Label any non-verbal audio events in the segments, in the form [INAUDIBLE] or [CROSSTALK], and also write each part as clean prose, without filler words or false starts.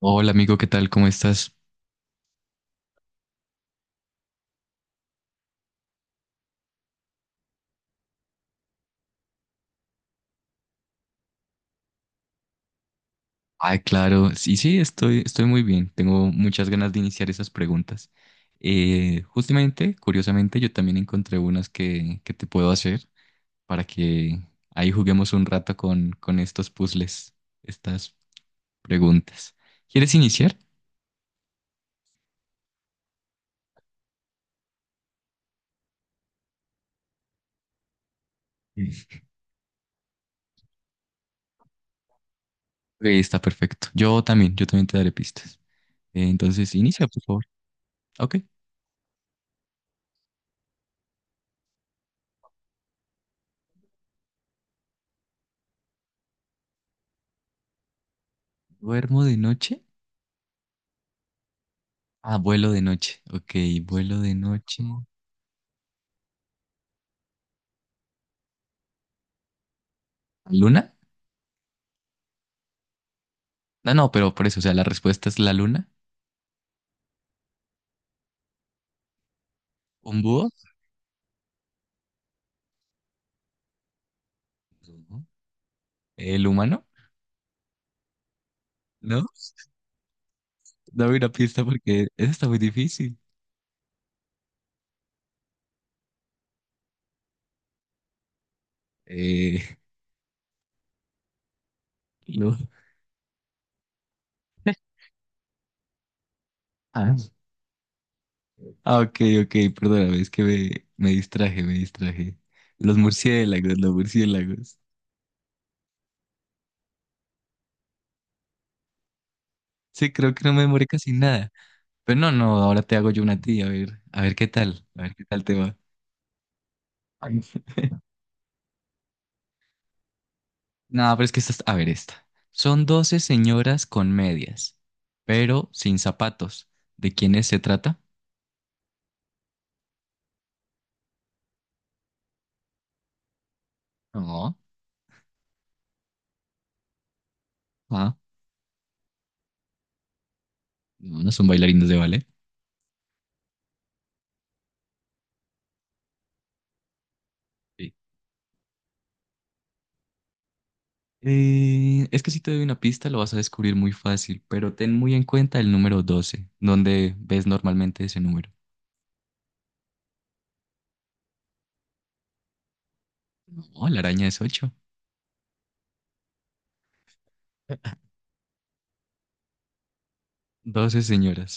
Hola amigo, ¿qué tal? ¿Cómo estás? Claro, sí, sí, estoy muy bien. Tengo muchas ganas de iniciar esas preguntas. Justamente, curiosamente, yo también encontré unas que te puedo hacer para que ahí juguemos un rato con estos puzzles, estas preguntas. ¿Quieres iniciar? Sí. Ok, está perfecto. Yo también te daré pistas. Entonces, inicia, por favor. Ok. ¿Duermo de noche? Ah, vuelo de noche. Ok, vuelo de noche. ¿Luna? No, no, pero por eso, o sea, la respuesta es la luna, un búho. Ujú. El humano, ¿no? Dame una pista porque eso está muy difícil. Eh, lo- Ah. Ah, ok, ok, perdóname, es que me distraje, me distraje. Los murciélagos, los murciélagos. Sí, creo que no me demoré casi nada. Pero no, no, ahora te hago yo una tía, a ver qué tal, a ver qué tal te va. Ay. [LAUGHS] No, pero es que esta, a ver esta. Son 12 señoras con medias, pero sin zapatos. ¿De quiénes se trata? No, ah, no, no son bailarines de ballet. Sí. Es que si te doy una pista lo vas a descubrir muy fácil, pero ten muy en cuenta el número doce donde ves normalmente ese número. No, la araña es ocho, doce señoras.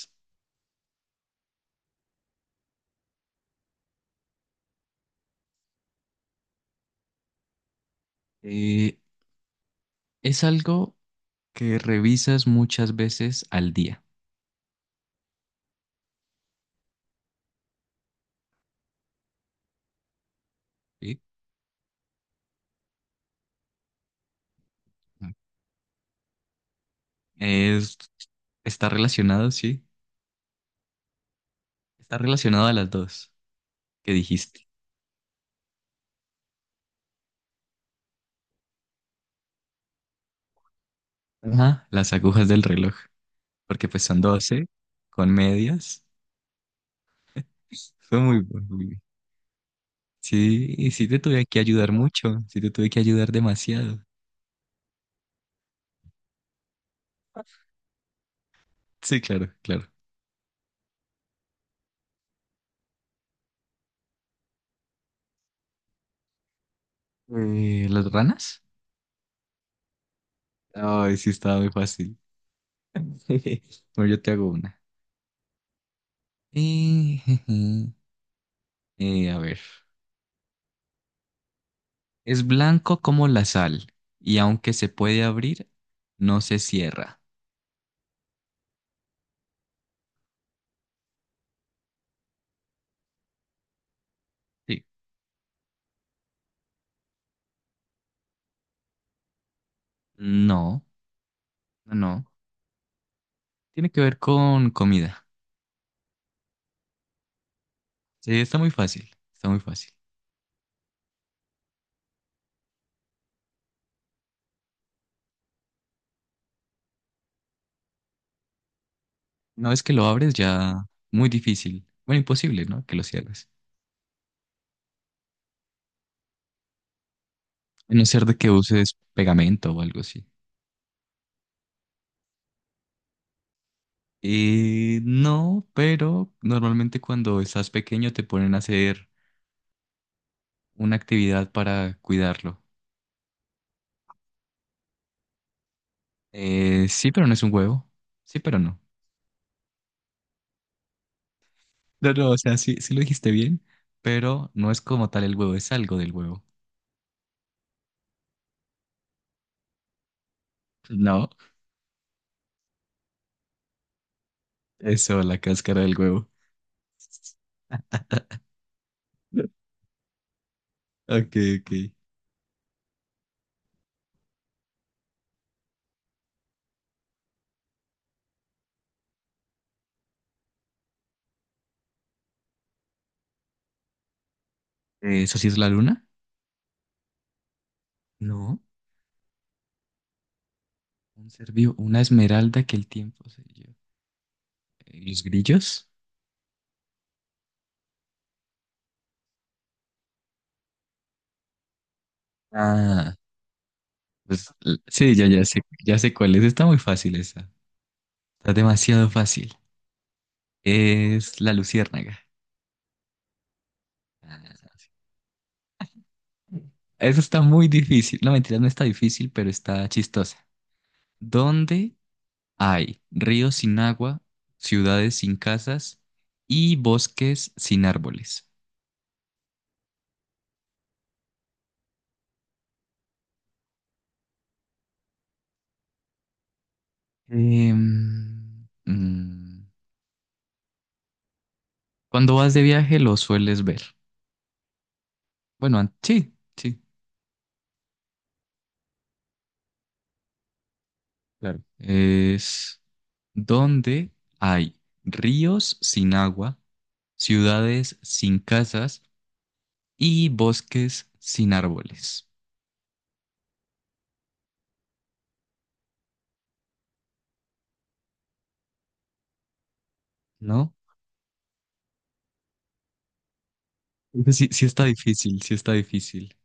Eh, es algo que revisas muchas veces al día. ¿Sí? Es, está relacionado, sí. Está relacionado a las dos que dijiste. Ajá, las agujas del reloj, porque pues son 12 con medias. Fue muy bueno, Vivi. Sí, y sí te tuve que ayudar mucho, sí te tuve que ayudar demasiado. Sí, claro, claro. ¿Las ranas? Ay, sí, estaba muy fácil. [LAUGHS] Bueno, yo te hago una. [LAUGHS] Jeje. A ver. Es blanco como la sal y aunque se puede abrir, no se cierra. Sí. No, no, no. Tiene que ver con comida. Sí, está muy fácil, está muy fácil. Una vez que lo abres ya muy difícil, bueno, imposible, ¿no? Que lo cierres. A no ser de que uses pegamento o algo así. No, pero normalmente cuando estás pequeño te ponen a hacer una actividad para cuidarlo. Sí, pero no es un huevo. Sí, pero no. No, no, o sea, sí, sí lo dijiste bien, pero no es como tal el huevo, es algo del huevo. No, eso, la cáscara del huevo. [LAUGHS] Ok, ok. ¿Eso sí es la luna? No, un ser vivo, una esmeralda que el tiempo se lleva. ¿Los grillos? Ah. Sí, ya sé cuál es. Está muy fácil esa. Está demasiado fácil. Es la luciérnaga. Ah, eso está muy difícil. No, mentira, no está difícil, pero está chistosa. ¿Dónde hay ríos sin agua, ciudades sin casas y bosques sin árboles? Em, mm, cuando vas de viaje lo sueles ver. Sí, sí, claro. Es donde hay ríos sin agua, ciudades sin casas y bosques sin árboles, ¿no? Entonces, sí, sí está difícil, sí está difícil.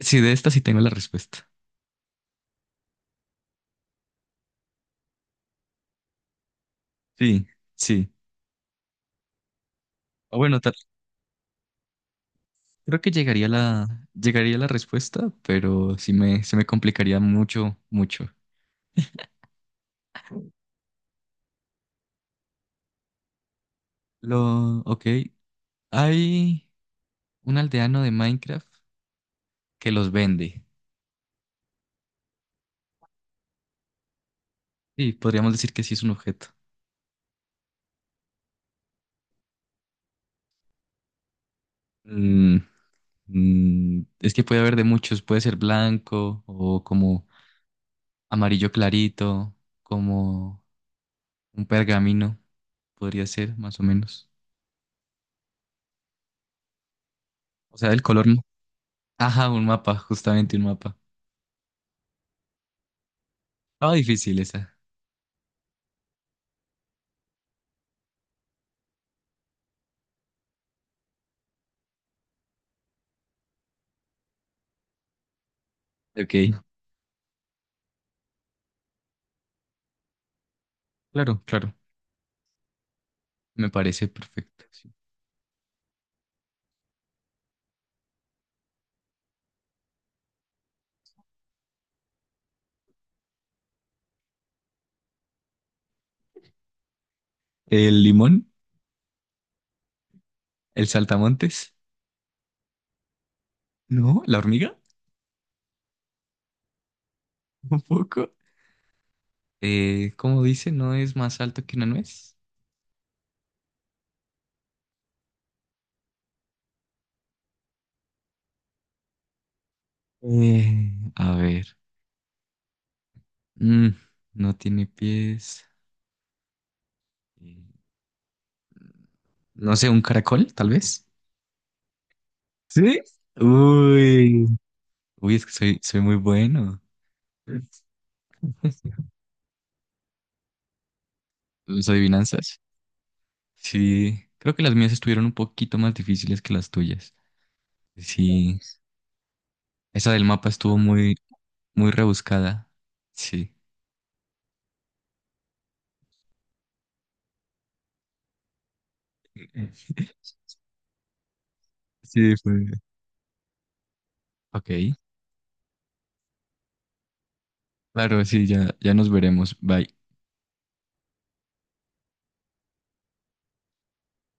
Sí, de esta sí tengo la respuesta. Sí, sí. O bueno, tal, creo que llegaría llegaría la respuesta, pero sí me, se me complicaría mucho, mucho. Ok, hay un aldeano de Minecraft que los vende. Sí, podríamos decir que sí es un objeto. Mm, es que puede haber de muchos, puede ser blanco o como amarillo clarito, como un pergamino, podría ser más o menos. O sea, el color. Ajá, un mapa, justamente un mapa. Estaba difícil esa. Ok. Claro, claro, me parece perfecto. Sí. ¿El limón? ¿El saltamontes? ¿No? ¿La hormiga? [LAUGHS] Un poco. ¿Cómo dice? ¿No es más alto que una nuez? A ver. Mm, no tiene pies. Eh, No sé, un caracol, tal vez. ¿Sí? Uy. Uy, es que soy, soy muy bueno. Las adivinanzas. Sí, creo que las mías estuvieron un poquito más difíciles que las tuyas. Sí, esa del mapa estuvo muy, muy rebuscada. Sí, sí, fue. Ok, claro, sí, ya, ya nos veremos. Bye.